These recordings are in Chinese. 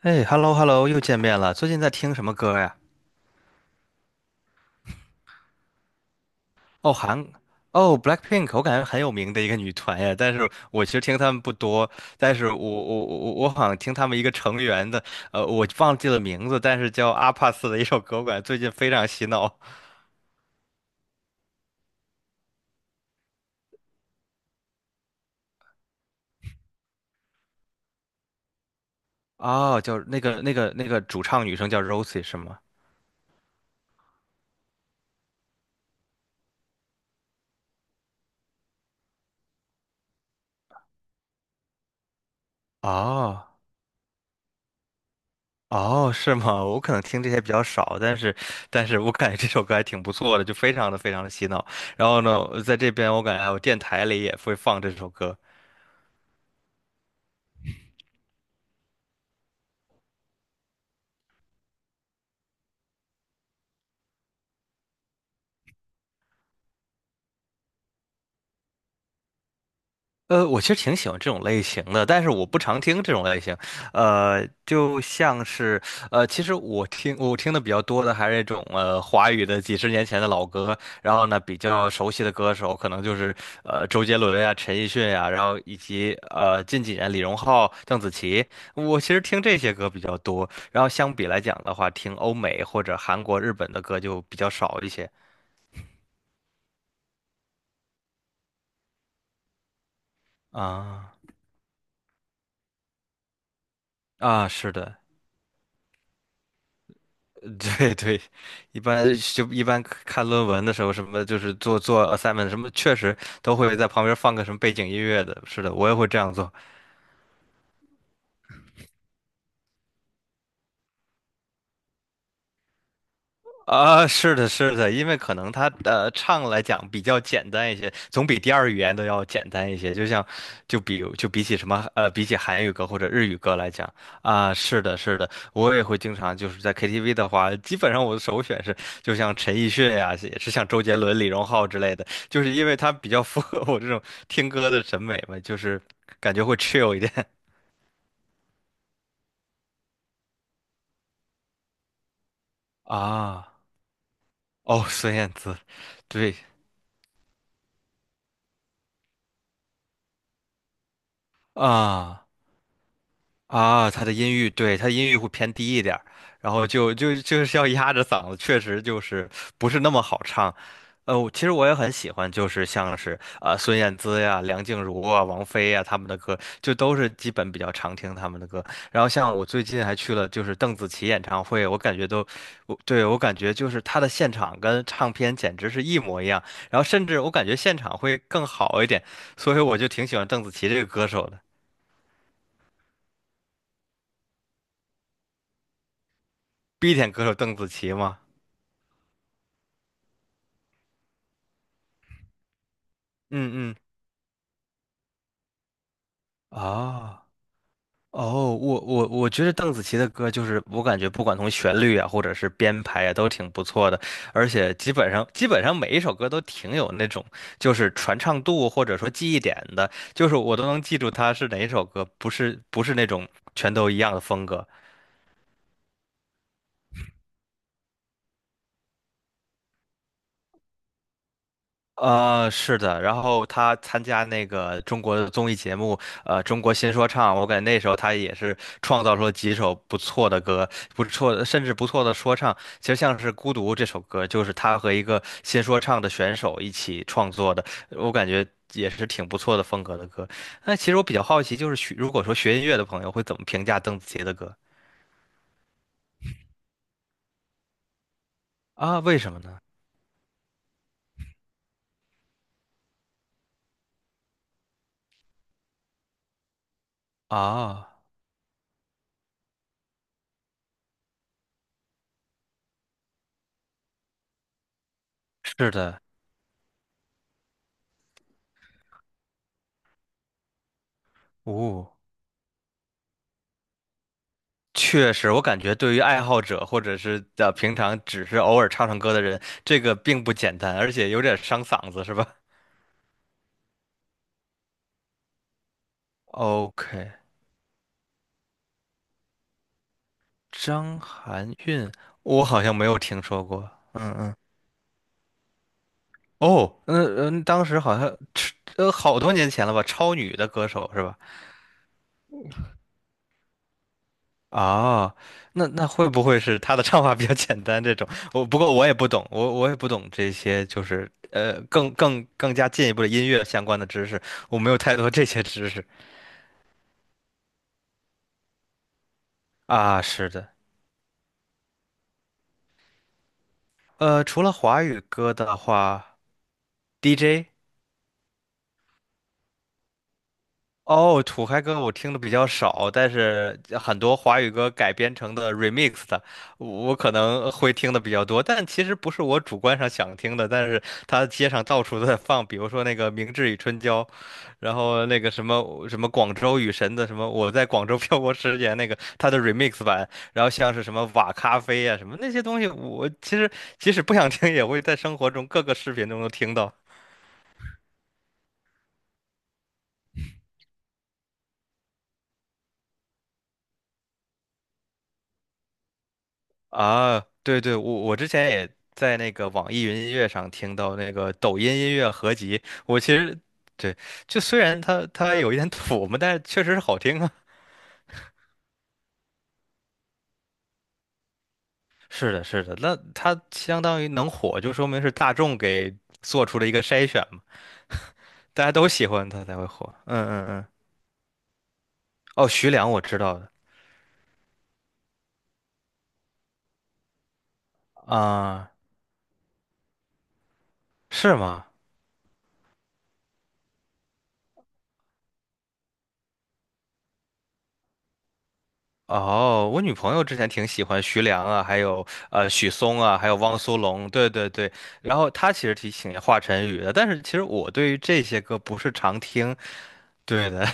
哎，hello hello，又见面了。最近在听什么歌呀？哦，韩，哦，Blackpink，我感觉很有名的一个女团呀。但是我其实听她们不多，但是我好像听她们一个成员的，我忘记了名字，但是叫阿帕斯的一首歌，我感觉最近非常洗脑。哦，叫那个主唱女生叫 Rosie 是吗？哦。哦，是吗？我可能听这些比较少，但是，但是我感觉这首歌还挺不错的，就非常的洗脑。然后呢，在这边我感觉还有电台里也会放这首歌，我其实挺喜欢这种类型的，但是我不常听这种类型。呃，就像是其实我听的比较多的还是那种华语的几十年前的老歌，然后呢比较熟悉的歌手可能就是周杰伦呀、陈奕迅呀，然后以及近几年李荣浩、邓紫棋，我其实听这些歌比较多。然后相比来讲的话，听欧美或者韩国、日本的歌就比较少一些。啊啊，是的。对对，一般一般看论文的时候，什么就是做 assignment 什么，确实都会在旁边放个什么背景音乐的。是的，我也会这样做。啊，是的，是的，因为可能他唱来讲比较简单一些，总比第二语言都要简单一些。就像，就比起什么，比起韩语歌或者日语歌来讲啊，是的，是的，我也会经常就是在 KTV 的话，基本上我的首选是就像陈奕迅呀、也是像周杰伦、李荣浩之类的，就是因为他比较符合我这种听歌的审美嘛，就是感觉会 chill 一点 啊。哦，孙燕姿，对啊。啊，他的音域，对，他的音域会偏低一点儿，然后就是要压着嗓子，确实就是不是那么好唱。呃，我其实也很喜欢，就是像是啊孙燕姿呀、梁静茹啊、王菲呀他们的歌，就都是基本比较常听他们的歌。然后像我最近还去了就是邓紫棋演唱会，我感觉都，我感觉就是她的现场跟唱片简直是一模一样，然后甚至我感觉现场会更好一点，所以我就挺喜欢邓紫棋这个歌手的，B 点歌手邓紫棋嘛。嗯嗯啊哦，我觉得邓紫棋的歌就是我感觉不管从旋律啊，或者是编排啊，都挺不错的，而且基本上每一首歌都挺有那种就是传唱度或者说记忆点的，就是我都能记住它是哪一首歌，不是那种全都一样的风格。呃，是的，然后他参加那个中国的综艺节目，《中国新说唱》，我感觉那时候他也是创造出了几首不错的歌，不错的，甚至不错的说唱。其实像是《孤独》这首歌，就是他和一个新说唱的选手一起创作的，我感觉也是挺不错的风格的歌。那其实我比较好奇，就是学如果说学音乐的朋友会怎么评价邓紫棋的歌啊？为什么呢？啊，是的，哦。确实，我感觉对于爱好者或者是平常只是偶尔唱唱歌的人，这个并不简单，而且有点伤嗓子，是吧？OK，张含韵，我好像没有听说过。嗯，哦，嗯嗯，当时好像好多年前了吧，超女的歌手是吧？啊，那那会不会是她的唱法比较简单这种？我不过我也不懂，我也不懂这些，就是更加进一步的音乐相关的知识，我没有太多这些知识。啊，是的，除了华语歌的话，DJ 哦，土嗨歌我听的比较少，但是很多华语歌改编成的 remix 的，我可能会听的比较多。但其实不是我主观上想听的，但是它街上到处都在放，比如说那个《明治与春娇》，然后那个什么《广州雨神》的什么《我在广州漂泊十年》那个它的 remix 版，然后像是什么瓦咖啡啊什么那些东西，我其实即使不想听，也会在生活中各个视频中能听到。啊，对对，我之前也在那个网易云音乐上听到那个抖音音乐合集，我其实对，就虽然它有一点土嘛，但是确实是好听啊。是的，是的，那它相当于能火，就说明是大众给做出了一个筛选嘛，大家都喜欢它才会火。嗯嗯嗯，哦，徐良我知道的啊，是吗？哦，我女朋友之前挺喜欢徐良啊，还有许嵩啊，还有汪苏泷，对对对。然后她其实挺喜欢华晨宇的，但是其实我对于这些歌不是常听。对的，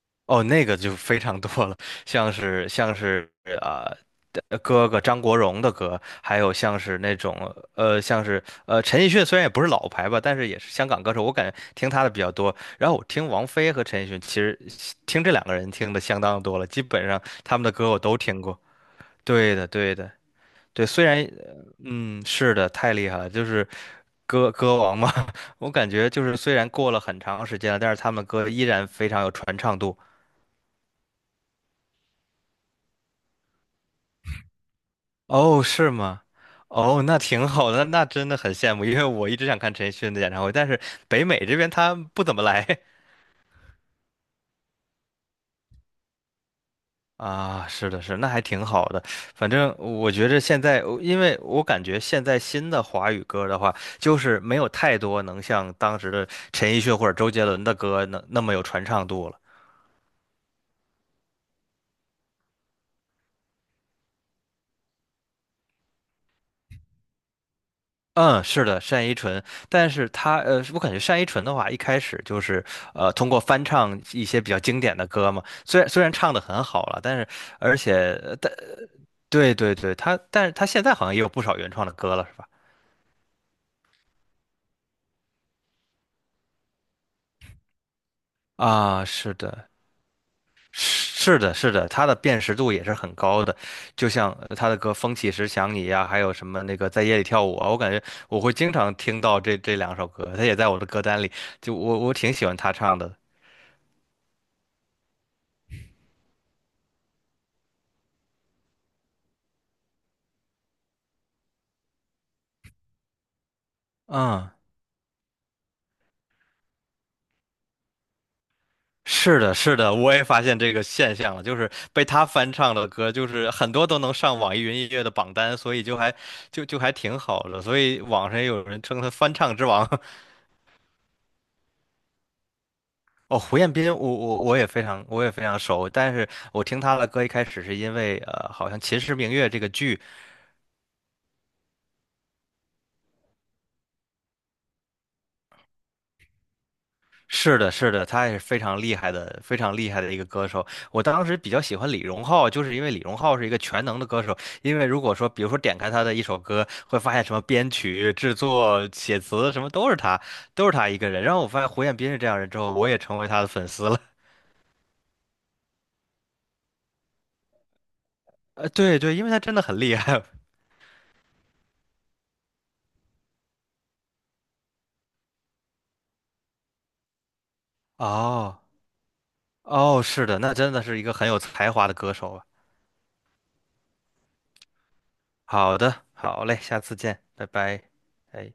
哦，那个就非常多了，像是呃哥哥张国荣的歌，还有像是那种像是陈奕迅，虽然也不是老牌吧，但是也是香港歌手，我感觉听他的比较多。然后我听王菲和陈奕迅，其实听这两个人听的相当多了，基本上他们的歌我都听过。对的，对的，对。虽然，嗯，是的，太厉害了，就是歌歌王嘛。我感觉就是虽然过了很长时间了，但是他们歌依然非常有传唱度。哦，是吗？哦，那挺好的，那真的很羡慕，因为我一直想看陈奕迅的演唱会，但是北美这边他不怎么来。啊，是的，是，那还挺好的。反正我觉着现在，因为我感觉现在新的华语歌的话，就是没有太多能像当时的陈奕迅或者周杰伦的歌能那么有传唱度了。嗯，是的，单依纯，但是他，我感觉单依纯的话，一开始就是通过翻唱一些比较经典的歌嘛，虽然唱的很好了，但是而且但对对对，他但是他现在好像也有不少原创的歌了，是吧？啊，是的，是的，是的，他的辨识度也是很高的，就像他的歌《风起时想你》呀，还有什么那个在夜里跳舞啊，我感觉我会经常听到这两首歌，他也在我的歌单里，就我挺喜欢他唱的。嗯，是的，是的，我也发现这个现象了，就是被他翻唱的歌，就是很多都能上网易云音乐的榜单，所以就还就就还挺好的，所以网上也有人称他翻唱之王。哦，胡彦斌，我也非常我也非常熟，但是我听他的歌一开始是因为好像《秦时明月》这个剧，是的，是的，他也是非常厉害的，非常厉害的一个歌手。我当时比较喜欢李荣浩，就是因为李荣浩是一个全能的歌手，因为如果说比如说点开他的一首歌，会发现什么编曲、制作、写词什么都是他，都是他一个人。然后我发现胡彦斌是这样人之后，我也成为他的粉丝了。对对，因为他真的很厉害。哦哦，是的，那真的是一个很有才华的歌手啊。好的，好嘞，下次见，拜拜。哎。